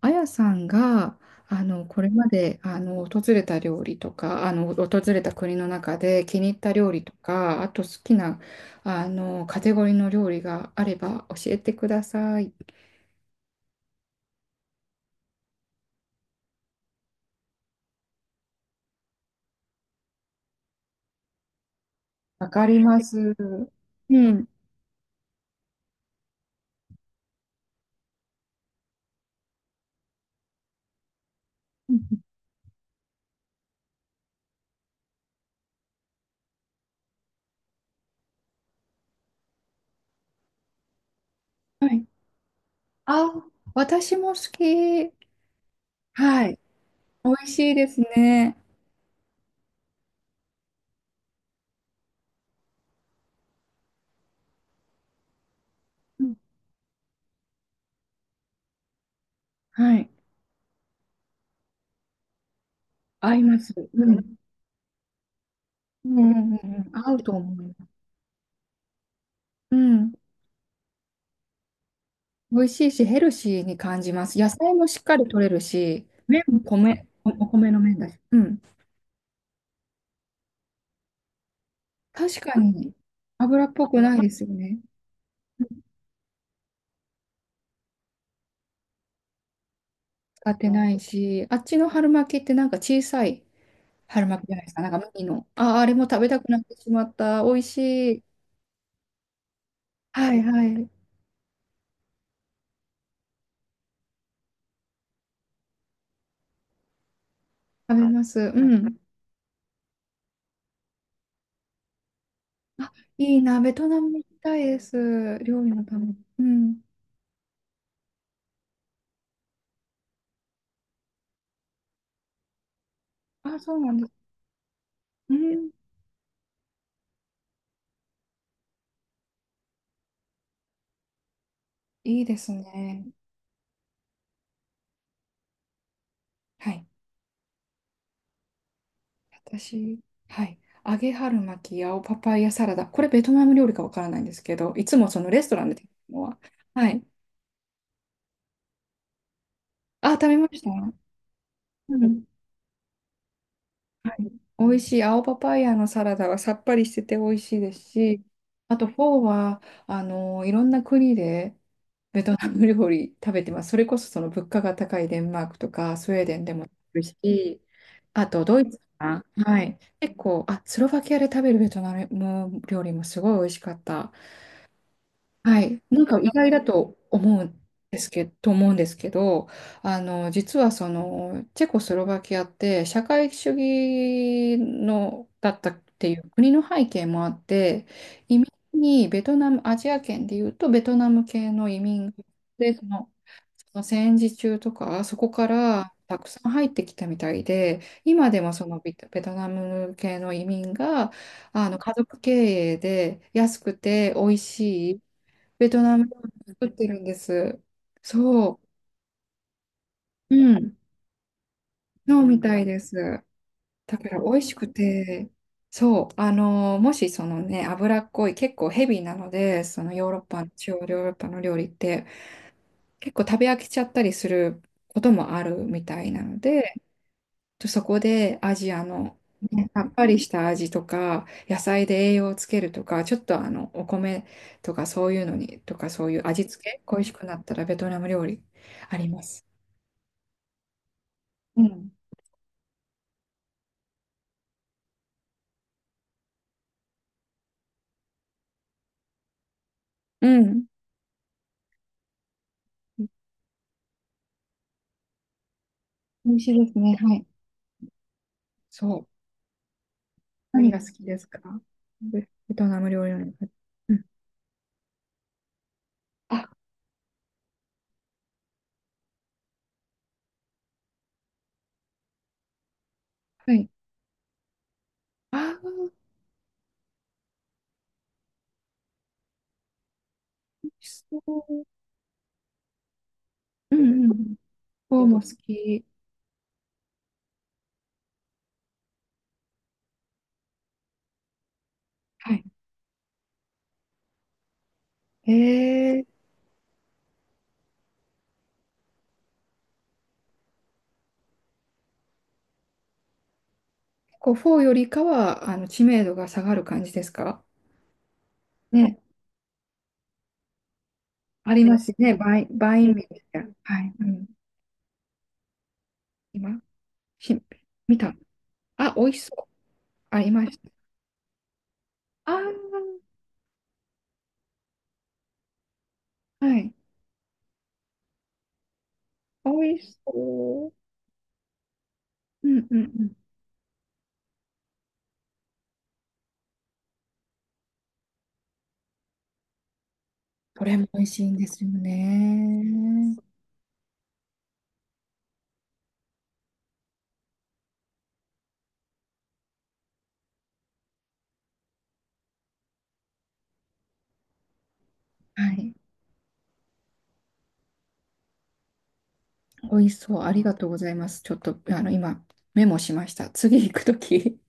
あやさんがこれまで訪れた料理とか訪れた国の中で気に入った料理とかあと好きなカテゴリーの料理があれば教えてください。わかります。うん。はい。あ、私も好き。はい。美味しいですね。うん。はい。合います。うん。うんうんうんうん。合うと思います。うん。美味しいし、ヘルシーに感じます。野菜もしっかり取れるし、麺も米、お米の麺だし。うん。確かに、油っぽくないですよね。使ってないし、あっちの春巻きってなんか小さい春巻きじゃないですか。なんか麦の。あ、あれも食べたくなってしまった。美味しい。はいはい。食べます。うん。あ、いいな。ベトナム行きたいです。料理のために。うん。あ、そうなんです。うん。いいですね。はい。私、はい。揚げ春巻き、青パパイヤサラダ。これベトナム料理かわからないんですけど、いつもそのレストランで食べるのは。はい。あ、食べました。うん。はい。美味しい。青パパイヤのサラダはさっぱりしてて美味しいですし、あとフォーは、いろんな国でベトナム料理食べてます。それこそその物価が高いデンマークとかスウェーデンでも食べるし、あとドイツかな。はい。結構、あ、スロバキアで食べるベトナム料理もすごい美味しかった。はい、なんか意外だと思うんですけど、と思うんですけど、実はその、チェコスロバキアって社会主義の、だったっていう国の背景もあって、移民にベトナム、アジア圏でいうとベトナム系の移民で、その、その戦時中とか、そこからたくさん入ってきたみたいで、今でもそのベトナム系の移民が、家族経営で安くて美味しいベトナム料理作ってるんです。そう。うん。そうみたいです。だから美味しくて、そう。もしそのね、脂っこい、結構ヘビーなので、そのヨーロッパの、中央ヨーロッパの料理って、結構食べ飽きちゃったりすることもあるみたいなので、そこでアジアの、ね、さっぱりした味とか、野菜で栄養をつけるとか、ちょっとお米とかそういうのに、とかそういう味付け、恋しくなったらベトナム料理あります。うん。うん。美味しいですね。はい。そう。は何いが好きですかベトナム料理なのか。うん。あ、はい。ああ、美味しそう。うんうん。フォーも好き。はい。えー、こう、フォーよりかは、知名度が下がる感じですかね、ありますね、バインねミーみたいな。はい、うん。今、し、見た。あ、美味しそう。あ、いました。ああ、はい、美味しそう。うんうんうん。これも美味しいんですよね。はい。美味しそう。ありがとうございます。ちょっと、今、メモしました。次行くとき。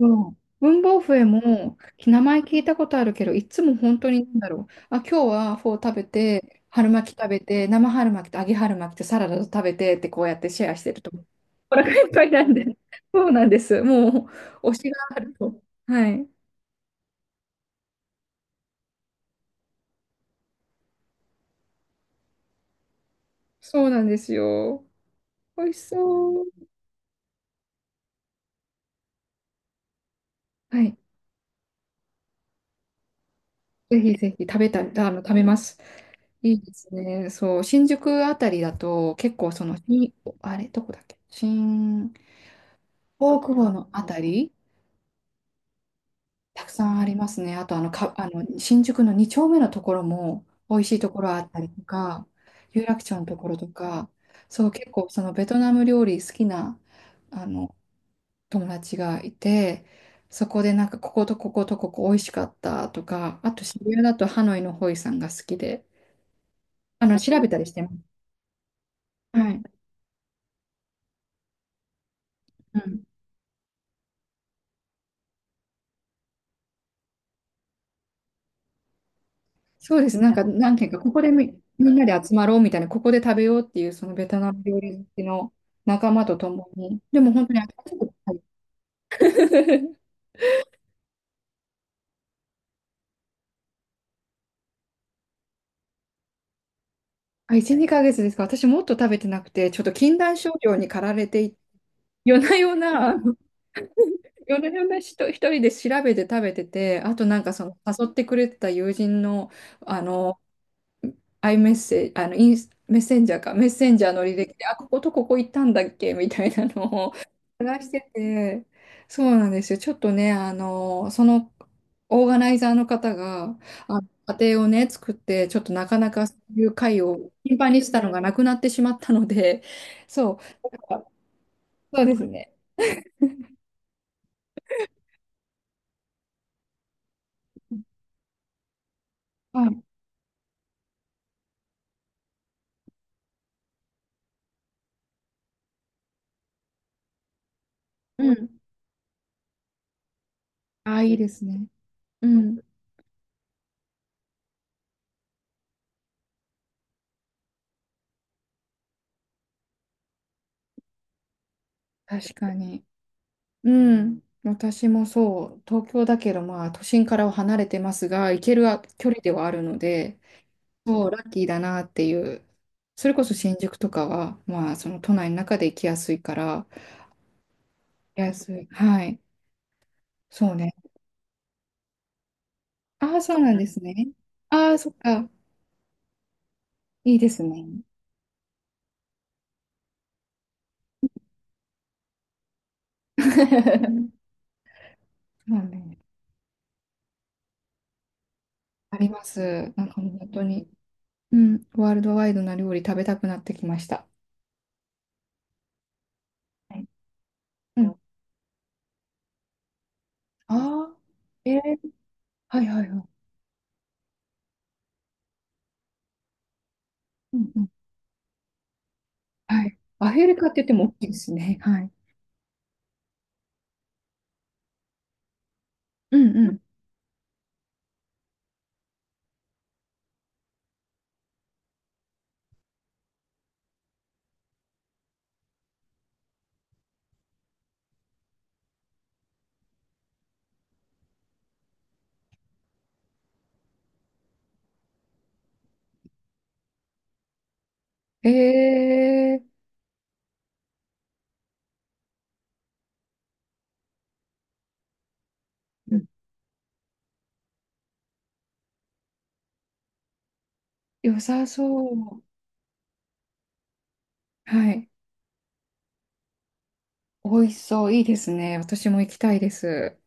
そう。文房具へも、名前聞いたことあるけど、いつも本当になんだろう。あ、今日はフォー食べて、春巻き食べて、生春巻きと揚げ春巻きとサラダと食べてって、こうやってシェアしてると思う。お腹いっぱいなんで。そうなんです。もう、推しがあると。はい。そうなんですよ。美味しそう。はい。ぜひぜひ食べたい、食べます。いいですね。そう、新宿あたりだと、結構その、新あれ、どこだっけ新大久保のあたり、たくさんありますね。あと、あの、か、あの、新宿の2丁目のところも、美味しいところあったりとか、有楽町のところとか、そう、結構その、ベトナム料理好きな、あの、友達がいて、そこでなんか、こことこことここ美味しかったとか、あと渋谷だとハノイのホイさんが好きで、調べたりしてます。はい。うん。そうです。なんか、なんていうか、ここでみ、みんなで集まろうみたいな、ここで食べようっていう、そのベトナム料理好きの仲間と共に。でも本当に飽きてない。 あ、1、2ヶ月ですか。私もっと食べてなくて、ちょっと禁断症状に駆られてい、夜な夜な、夜な夜な一人で調べて食べてて、あとなんかその誘ってくれてた友人の、あの、アイメッセージ、あの、インス、メッセンジャーか、メッセンジャーの履歴で、あ、こことここ行ったんだっけみたいなのを、探してて、そうなんですよ。ちょっとね、そのオーガナイザーの方が、あ、家庭をね、作って、ちょっとなかなかそういう会を頻繁にしたのがなくなってしまったので、そう、だからそうですね。あ、うん。あ、いいですね。うん。確かに。うん。私もそう、東京だけど、まあ、都心からは離れてますが、行ける距離ではあるので、そう、ラッキーだなっていう。それこそ新宿とかは、まあ、その都内の中で行きやすいから、行きやすい。はい。そうね。ああ、そうなんですね。ああ、そっか。いいですね。そうね。あります。なんか本当に、うん、ワールドワイドな料理食べたくなってきました。はい。うん。ああ、えー、はいはいはい。うんうん。はい。アフリカって言っても大きいですね。はい。うんうん。えー、良さそう。はい。美味しそう。いいですね。私も行きたいです。